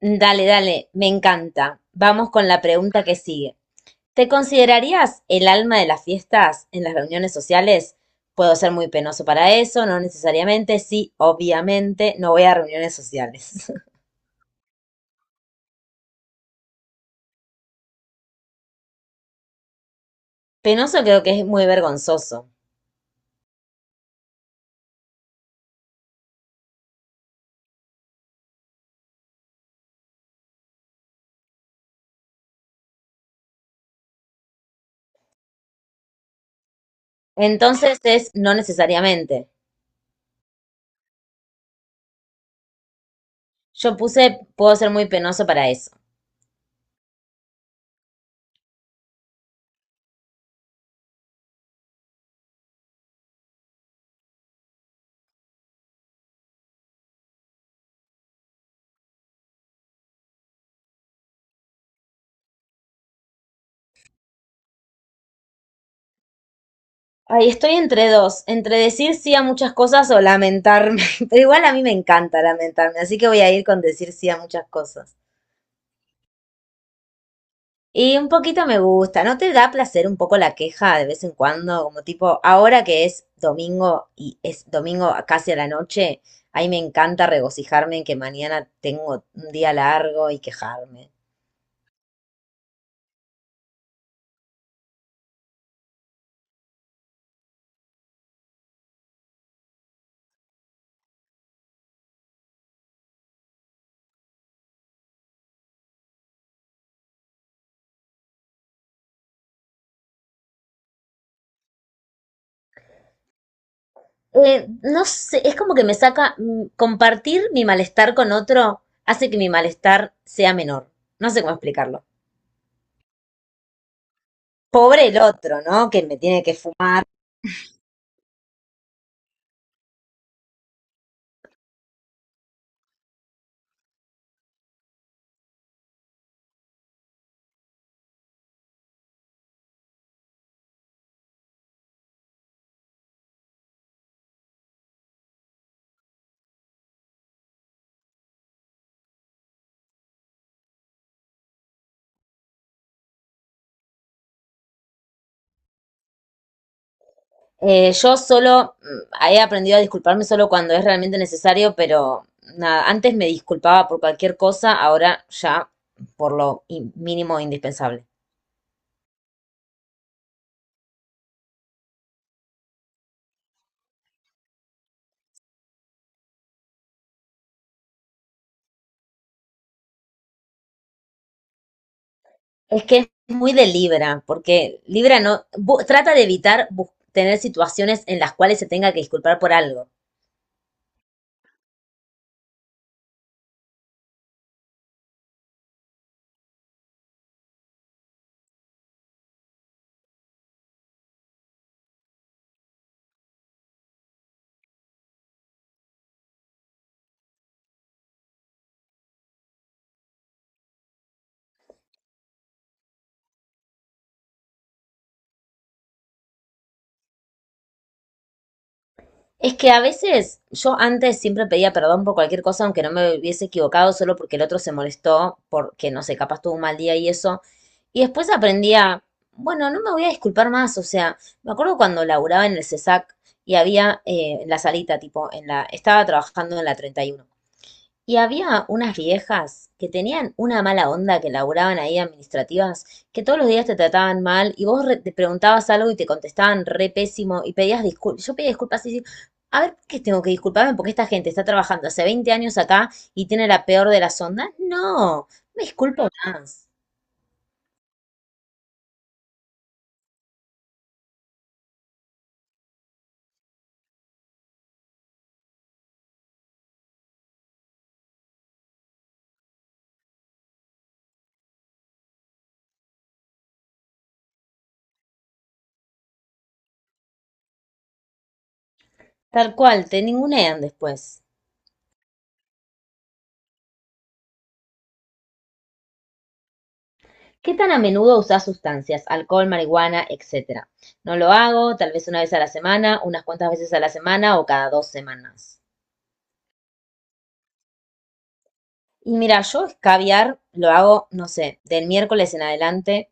Dale, dale, me encanta. Vamos con la pregunta que sigue. ¿Te considerarías el alma de las fiestas en las reuniones sociales? Puedo ser muy penoso para eso, no necesariamente, sí, obviamente, no voy a reuniones sociales. Penoso creo que es muy vergonzoso. Entonces es no necesariamente. Yo puse puedo ser muy penoso para eso. Ay, estoy entre dos, entre decir sí a muchas cosas o lamentarme. Pero igual a mí me encanta lamentarme, así que voy a ir con decir sí a muchas cosas. Y un poquito me gusta, ¿no te da placer un poco la queja de vez en cuando? Como tipo, ahora que es domingo y es domingo casi a la noche, ahí me encanta regocijarme en que mañana tengo un día largo y quejarme. No sé, es como que me saca, mm, compartir mi malestar con otro hace que mi malestar sea menor. No sé cómo explicarlo. Pobre el otro, ¿no? Que me tiene que fumar. Yo solo he aprendido a disculparme solo cuando es realmente necesario, pero nada, antes me disculpaba por cualquier cosa, ahora ya mínimo indispensable. Es que es muy de Libra, porque Libra no bu- trata de evitar tener situaciones en las cuales se tenga que disculpar por algo. Es que a veces yo antes siempre pedía perdón por cualquier cosa, aunque no me hubiese equivocado, solo porque el otro se molestó, porque no sé, capaz tuvo un mal día y eso. Y después aprendí a, bueno, no me voy a disculpar más. O sea, me acuerdo cuando laburaba en el CESAC y había en la salita, tipo, estaba trabajando en la 31. Y había unas viejas que tenían una mala onda que laburaban ahí administrativas, que todos los días te trataban mal y vos te preguntabas algo y te contestaban re pésimo y pedías disculpas. Yo pedía disculpas y decía, a ver, ¿por ¿qué tengo que disculparme? Porque esta gente está trabajando hace 20 años acá y tiene la peor de las ondas. No, me disculpo más. Tal cual, te ningunean después. ¿Qué tan a menudo usás sustancias? Alcohol, marihuana, etcétera. No lo hago, tal vez una vez a la semana, unas cuantas veces a la semana o cada dos semanas. Y mira, yo escabiar lo hago, no sé, del miércoles en adelante,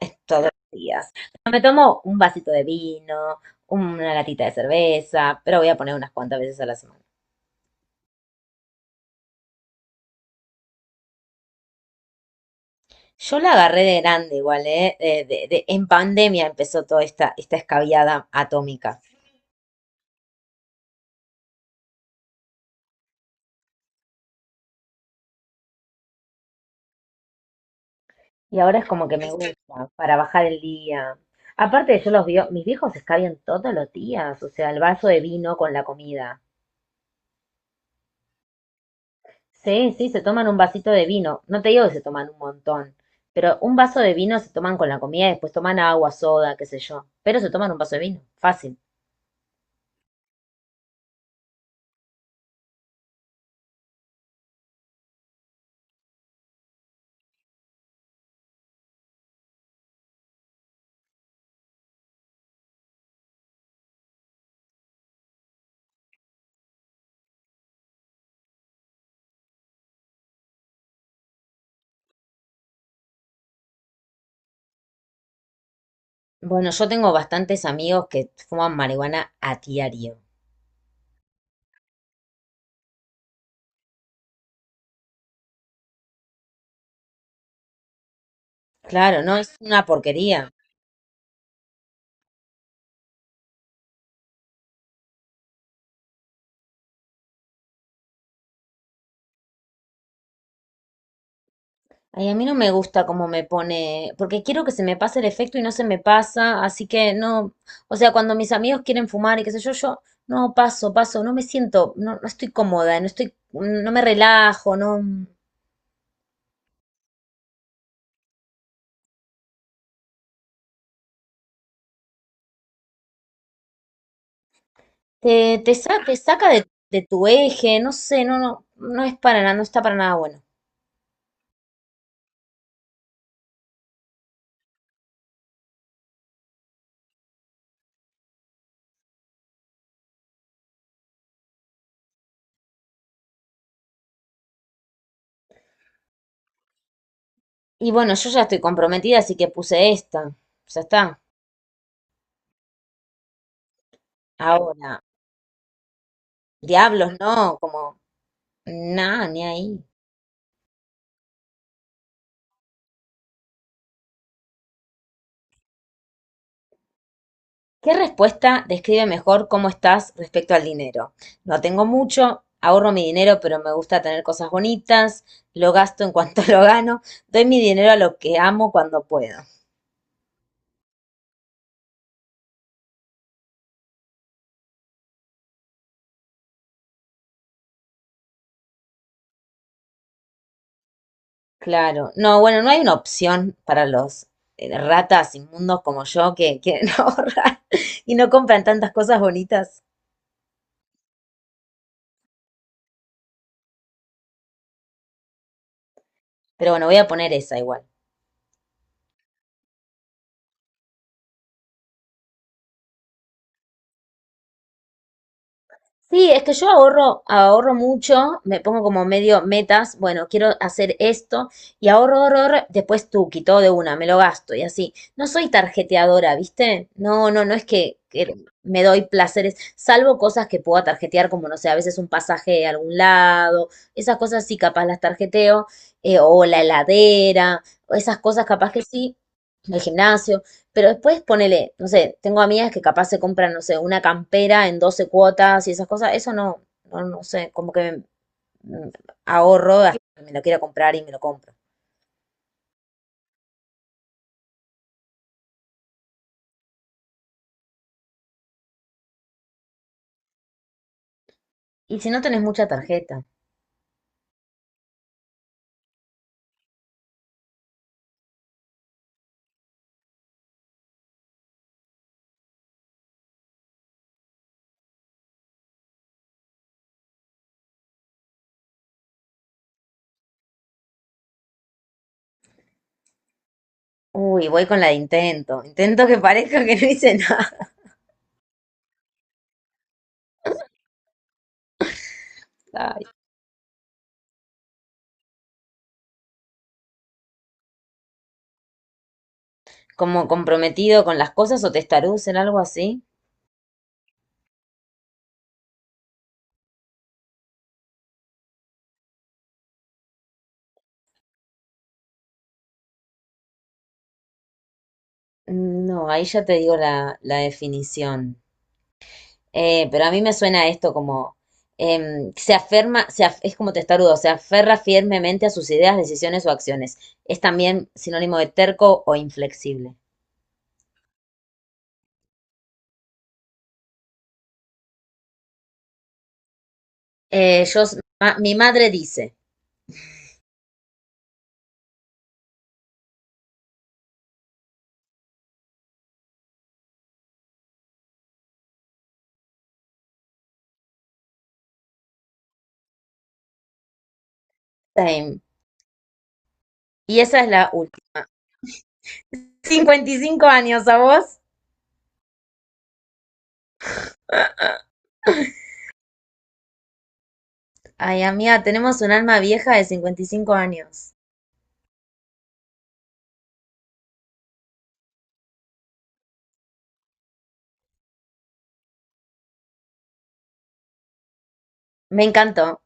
es todos los días. Me tomo un vasito de vino, una latita de cerveza, pero voy a poner unas cuantas veces a la semana. Yo la agarré de grande igual, ¿eh? En pandemia empezó esta escabiada atómica. Y ahora es como que me gusta, para bajar el día. Aparte, yo los vio, mis viejos escabian todos los días, o sea, el vaso de vino con la comida. Sí, sí, se toman un vasito de vino. No te digo que se toman un montón, pero un vaso de vino se toman con la comida y después toman agua, soda, qué sé yo. Pero se toman un vaso de vino, fácil. Bueno, yo tengo bastantes amigos que fuman marihuana a diario. Claro, no es una porquería. Ay, a mí no me gusta cómo me pone, porque quiero que se me pase el efecto y no se me pasa, así que no, o sea, cuando mis amigos quieren fumar y qué sé yo, yo paso, no me siento, no, no estoy cómoda, no estoy, no me relajo, no. Te saca de tu eje, no sé, no, no, no es para nada, no está para nada bueno. Y bueno, yo ya estoy comprometida, así que puse esta. Ya está. Ahora, diablos, no, como, nada, ni ahí. ¿Qué respuesta describe mejor cómo estás respecto al dinero? No tengo mucho, ahorro mi dinero, pero me gusta tener cosas bonitas, lo gasto en cuanto lo gano, doy mi dinero a lo que amo cuando puedo. Claro, no, bueno, no hay una opción para los ratas inmundos como yo que quieren ahorrar y no compran tantas cosas bonitas. Pero bueno, voy a poner esa igual. Sí, es que yo ahorro, ahorro mucho, me pongo como medio metas, bueno, quiero hacer esto y ahorro, ahorro, ahorro, después tú quitó de una, me lo gasto y así. No soy tarjeteadora, ¿viste? No, no, no es que me doy placeres, salvo cosas que pueda tarjetear, como no sé, a veces un pasaje a algún lado, esas cosas sí capaz las tarjeteo, o la heladera, o esas cosas capaz que sí, el gimnasio, pero después ponele, no sé, tengo amigas que capaz se compran, no sé, una campera en 12 cuotas y esas cosas. Eso no, no, no sé, como que me ahorro hasta que me lo quiera comprar y me lo compro. Y si no tenés mucha tarjeta. Uy, voy con la de intento. Intento que parezca que no hice nada. Ay. Como comprometido con las cosas o testaruz en algo así. No, ahí ya te digo la definición. Pero a mí me suena esto como se aferma, se af- es como testarudo, se aferra firmemente a sus ideas, decisiones o acciones. Es también sinónimo de terco o inflexible. Mi madre dice, same. Y esa es la última. Cincuenta y cinco años, ¿a vos? Ay, amiga, tenemos un alma vieja de 55 años. Me encantó.